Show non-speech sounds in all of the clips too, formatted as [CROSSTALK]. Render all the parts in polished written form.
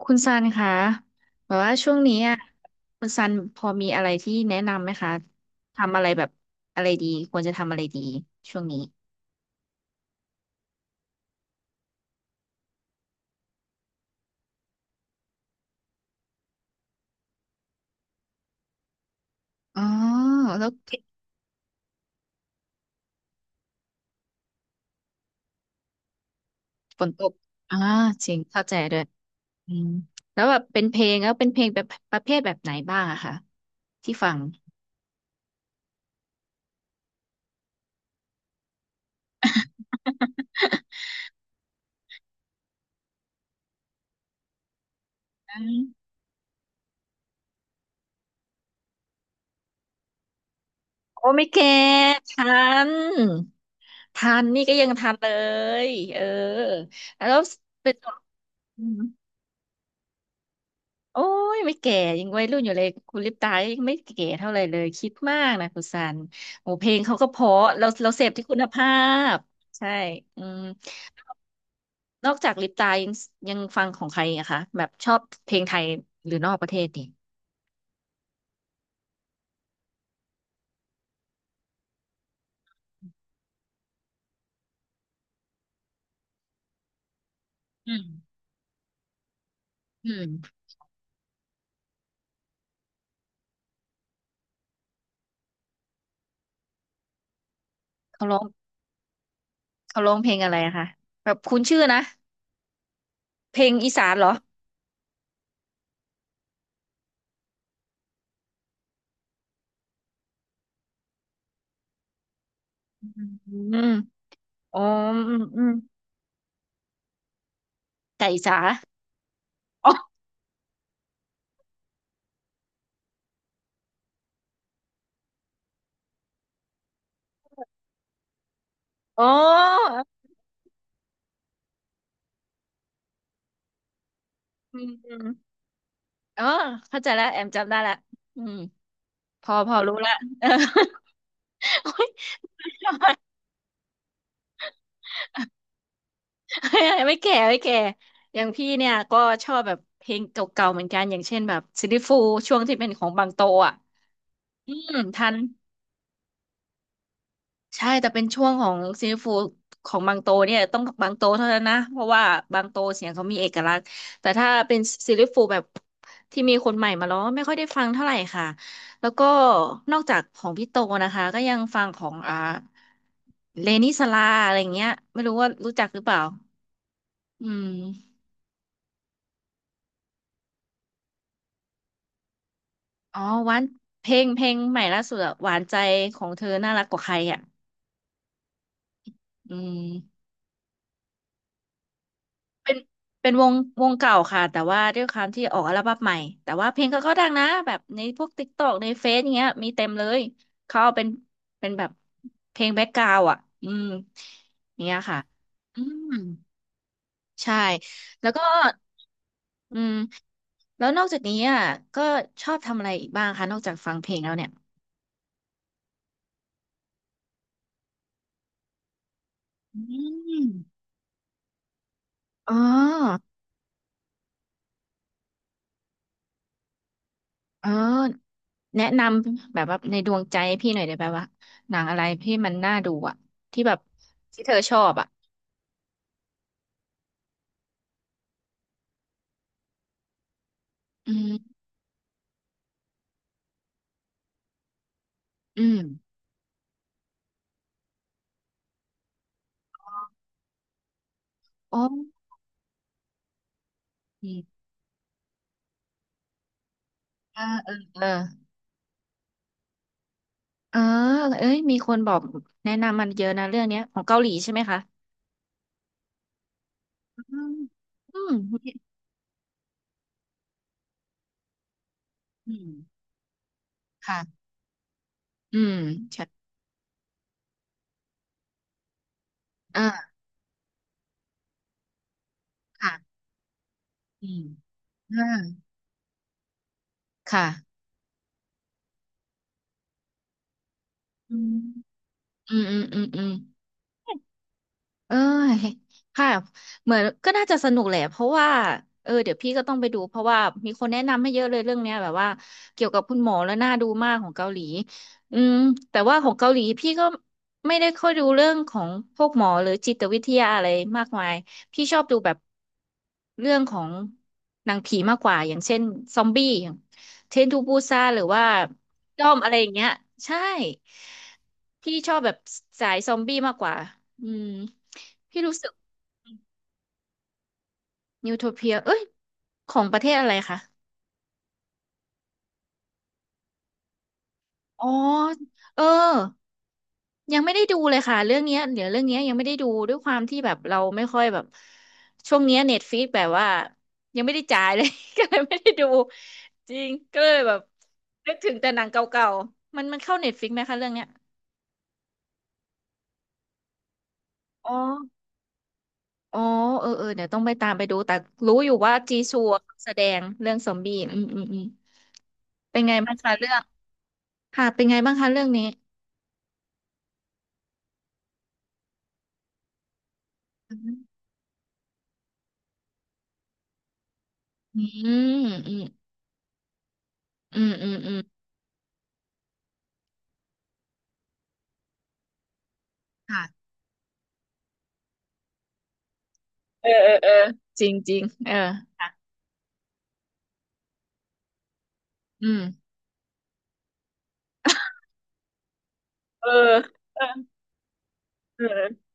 คุณซันคะแบบว่าช่วงนี้อ่ะคุณซันพอมีอะไรที่แนะนำไหมคะ ทำอะไรแบบอะไรดีควรจะทำอะไรดีช่วงนี้อ๋อแล้วฝนตกอ่าจริงเข้าใจด้วยอืมแล้วแบบเป็นเพลงแล้วเป็นเพลงแบบประเภทแบบไหนบ้างอะคะที่ฟังอืม [LAUGHS] โอ้ไม่แก่ตทันทันนี่ก็ยังทันเลยเออแล้วเป็นอืม โอ้ยไม่แก่ยังวัยรุ่นอยู่เลยคุณลิปตายังไม่แก่เท่าไหร่เลยคิดมากนะคุณซันโอ้เพลงเขาก็เพราะเราเสพที่คุณภาพใช่อืมนอกจากลิปตายังฟังของใครอะคะแบบชอบเพลงไทยหรือนอกประเทศดีอืมอืมเขาร้องเขาร้องเพลงอะไรอะคะแบบคุ้นชื่อนะเพลงอีสานเหรออืมอืมมอ๋ออืมอืมไก่จ๋าอ๋ออ๋ออืมอืมอ๋อเข้าใจแล้วแอมจำได้ละอืม พอพอรู้ละ [LAUGHS] เออโอ๊ย [LAUGHS] ไม่แก่ไม่แก่อย่างพี่เนี่ยก็ชอบแบบเพลงเก่าๆเหมือนกัน อย่างเช่นแบบซิลลี่ฟูลส์ช่วงที่เป็นของบางโตอ่ะ อืมทันใช่แต่เป็นช่วงของซิลลี่ฟูลของบางโตเนี่ยต้องบางโตเท่านั้นนะเพราะว่าบางโตเสียงเขามีเอกลักษณ์แต่ถ้าเป็นซีรลี่ฟูลแบบที่มีคนใหม่มาร้องไม่ค่อยได้ฟังเท่าไหร่ค่ะแล้วก็นอกจากของพี่โตนะคะก็ยังฟังของเลนิสลาอะไรอย่างเงี้ยไม่รู้ว่ารู้จักหรือเปล่า อืมอ๋อหวานเพลงใหม่ล่าสุดอะหวานใจของเธอน่ารักกว่าใครอ่ะอืมเป็นเป็นวงวงเก่าค่ะแต่ว่าด้วยความที่ออกอัลบั้มใหม่แต่ว่าเพลงเขาก็ดังนะแบบในพวกติ๊กตอกในเฟซอย่างเงี้ยมีเต็มเลยเขาเอาเป็นเป็นแบบเพลงแบ็กกราวด์อ่ะอืมอย่างเนี้ยค่ะ อืมใช่แล้วก็อืมแล้วนอกจากนี้อ่ะก็ชอบทำอะไรอีกบ้างคะนอกจากฟังเพลงแล้วเนี่ยอืมอ๋อ เออแนะนำแบบว่าในดวงใจพี่หน่อยได้ไหมว่าหนังอะไรที่มันน่าดูอ่ะที่แบบที่เธอชอบอ่ะอืมอืมโอ้ยเออเออเออเออเอ้ยมีคนบอกแนะนำมันเยอะนะเรื่องเนี้ยของเกาหลีใช่ไหมคะอืมอืมอืมค่ะอืมใช่อ่าค่ะอืมอ่าค่ะอืมอืมอืมอืมอืม เอ้ยค่ะเหมือนก็น่าจะสนุกแหละเพราะว่าเออเดี๋ยวพี่ก็ต้องไปดูเพราะว่ามีคนแนะนำให้เยอะเลยเรื่องเนี้ยแบบว่าเกี่ยวกับคุณหมอแล้วน่าดูมากของเกาหลีอืมแต่ว่าของเกาหลีพี่ก็ไม่ได้ค่อยดูเรื่องของพวกหมอหรือจิตวิทยาอะไรมากมายพี่ชอบดูแบบเรื่องของหนังผีมากกว่าอย่างเช่นซอมบี้อย่างเทรนทูบูซานหรือว่าด้อมอะไรอย่างเงี้ยใช่ พี่ชอบแบบสายซอมบี้มากกว่าอืมพี่รู้สึกนิวโทเปียเอ้ยของประเทศอะไรคะอ๋อเออยังไม่ได้ดูเลยค่ะเรื่องเนี้ยเดี๋ยวเรื่องเนี้ยยังไม่ได้ดูด้วยความที่แบบเราไม่ค่อยแบบช่วงเนี้ยเน็ตฟ i ิกแบบว่ายังไม่ได้จ่ายเลย [LAUGHS] ก็เลยไม่ได้ดูจริงก็เลยแบบนึกถึงแต่หนังเก่าๆมันมันเข้าเน็ตฟ i ิกไหมคะเรื่องเนี้ยอ๋ออ๋อเออเออเดี๋ยวต้องไปตามไปดูแต่รู้อยู่ว่าจีซัวแสดงเรื่องซอมบี้อืมอืมอืม เป็นไงบ้างคะเรื่องค่ะเป็นไงบ้างคะเรื่องนี้อืมอืมอืมอืมอืมค่ะเออเออเออจริงจริงเออค่ะอืมเออเออเออ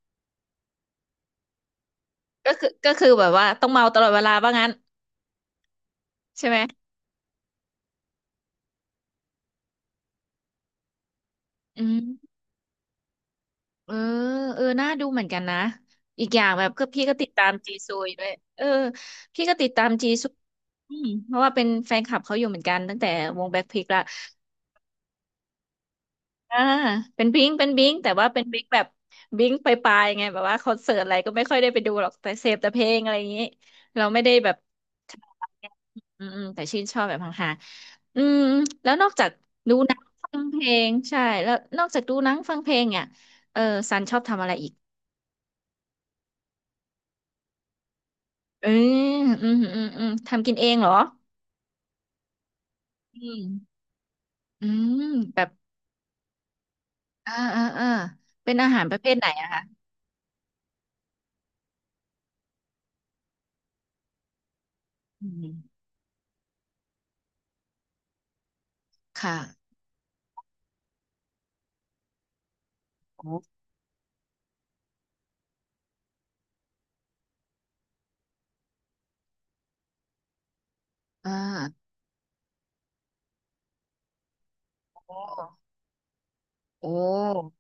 ก็คือแบบว่าต้องเมาตลอดเวลาว่างั้นใช่ไหมอืมเออเออน่าดูเหมือนกันนะอีกอย่างแบบก็พี่ก็ติดตามจีซูยด้วยเออพี่ก็ติดตามจีซูอืมเพราะว่าเป็นแฟนคลับเขาอยู่เหมือนกันตั้งแต่วงแบ็คพิงค์ละ อ่าเป็นบิงเป็นบิงแต่ว่าเป็นบิงแบบบิงไปปลายๆไงแบบว่าคอนเสิร์ตอะไรก็ไม่ค่อยได้ไปดูหรอกแต่เสพแต่เพลงอะไรอย่างนี้เราไม่ได้แบบอืมอืมแต่ชื่นชอบแบบห่างๆอืมแล้วนอกจากดูหนังฟังเพลงใช่แล้วนอกจากดูหนังฟังเพลงเนี่ยเออซันชอบทำอะไรอีกเอออืมอืมอืมทำกินเองเหรออืมอืมแบบอ่าอ่าอ่าเป็นอาหารประเภทไหนอะคะอืมค่ะโอ้อ่าโอ้โอ้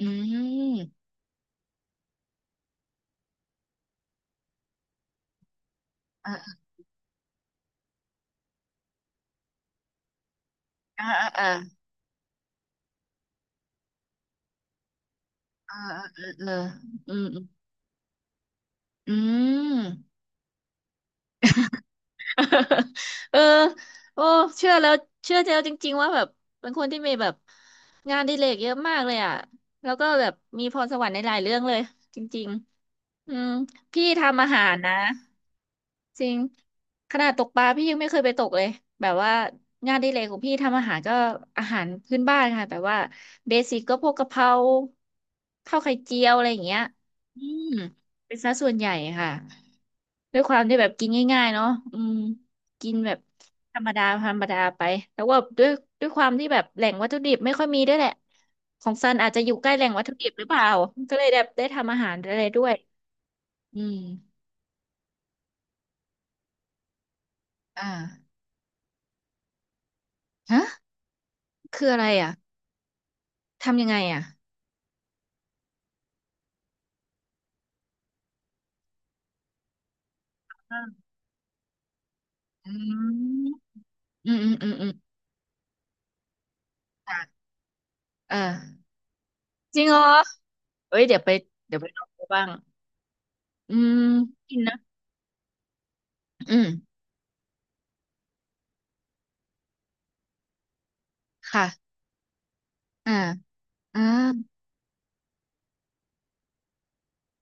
อืมเออาอ่าอ่าอ่าออเอออืมอืม [LAUGHS] เออโอ้เชื่อแล้วเชื่อแล้วจริงๆว่าแบบเป็นคนที่มีแบบงานอดิเรกเยอะมากเลยอ่ะ แล้วก็แบบมีพรสวรรค์ในหลายเรื่องเลยจริงๆอืมพี่ทำอาหารนะ จริงขนาดตกปลาพี่ยังไม่เคยไปตกเลยแบบว่างานอดิเรกของพี่ทำอาหารก็อาหารพื้นบ้านค่ะแบบว่าเบสิกก็พวกกะเพราข้าวไข่เจียวอะไรอย่างเงี้ยอืมเป็นซะส่วนใหญ่ค่ะด้วยความที่แบบกินง่ายๆเนาะอืมกินแบบธรรมดาธรรมดาไปแต่ว่าด้วยความที่แบบแหล่งวัตถุดิบไม่ค่อยมีด้วยแหละของซันอาจจะอยู่ใกล้แหล่งวัตถุดิบหรือเปล่าก็เลยแบบได้ทำอาหารอะไรด้วยอืมอ่าฮะคืออะไรอ่ะ ทำยังไงอ่ะออืมอืมอืมอืมอืมค่ะเออจริงเหรอเอ้ยเดี๋ยวไป เดี๋ยวไปลองดูบ้างอืมกินนะ อืมค่ะอ่าอ่า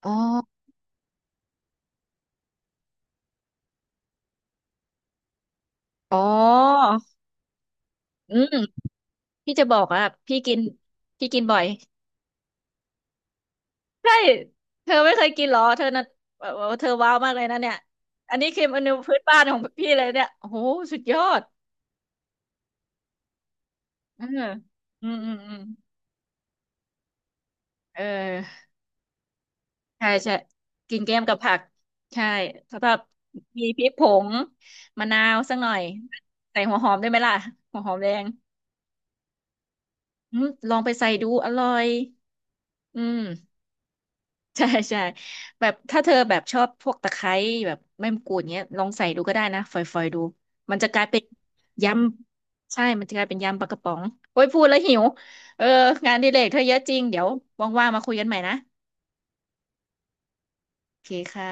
อ๋ออ๋ออืมพี่จะบอกอ่ะ พี่กิน พี่กินบ่อย ใช่ เธอไม่เคยกินเหรอ เธอน่ะเออเธอว้าวมากเลยนะเนี่ย อันนี้คือเมนูพื้นบ้านของพี่เลยเนี่ยโอ้โหสุดยอดเอออืมอืมอืมเออ ใช่ใช่กินแกล้มกับผักใช่แล้วก็มีพริกผงมะนาวสักหน่อยใส่หัวหอมได้ไหมล่ะหัวหอมแดงอืมลองไปใส่ดูอร่อยอืมใช่ใช่แบบถ้าเธอแบบชอบพวกตะไคร้แบบใบมะกรูดเงี้ยลองใส่ดูก็ได้นะฝอยๆดูมันจะกลายเป็นยำใช่มันจะกลายเป็นยำปลากระป๋องโอ้ยพูดแล้วหิวเอองานอดิเรกเธอเยอะจริงเดี๋ยวว่างๆมาคุยกันใหม่นะโอเคค่ะ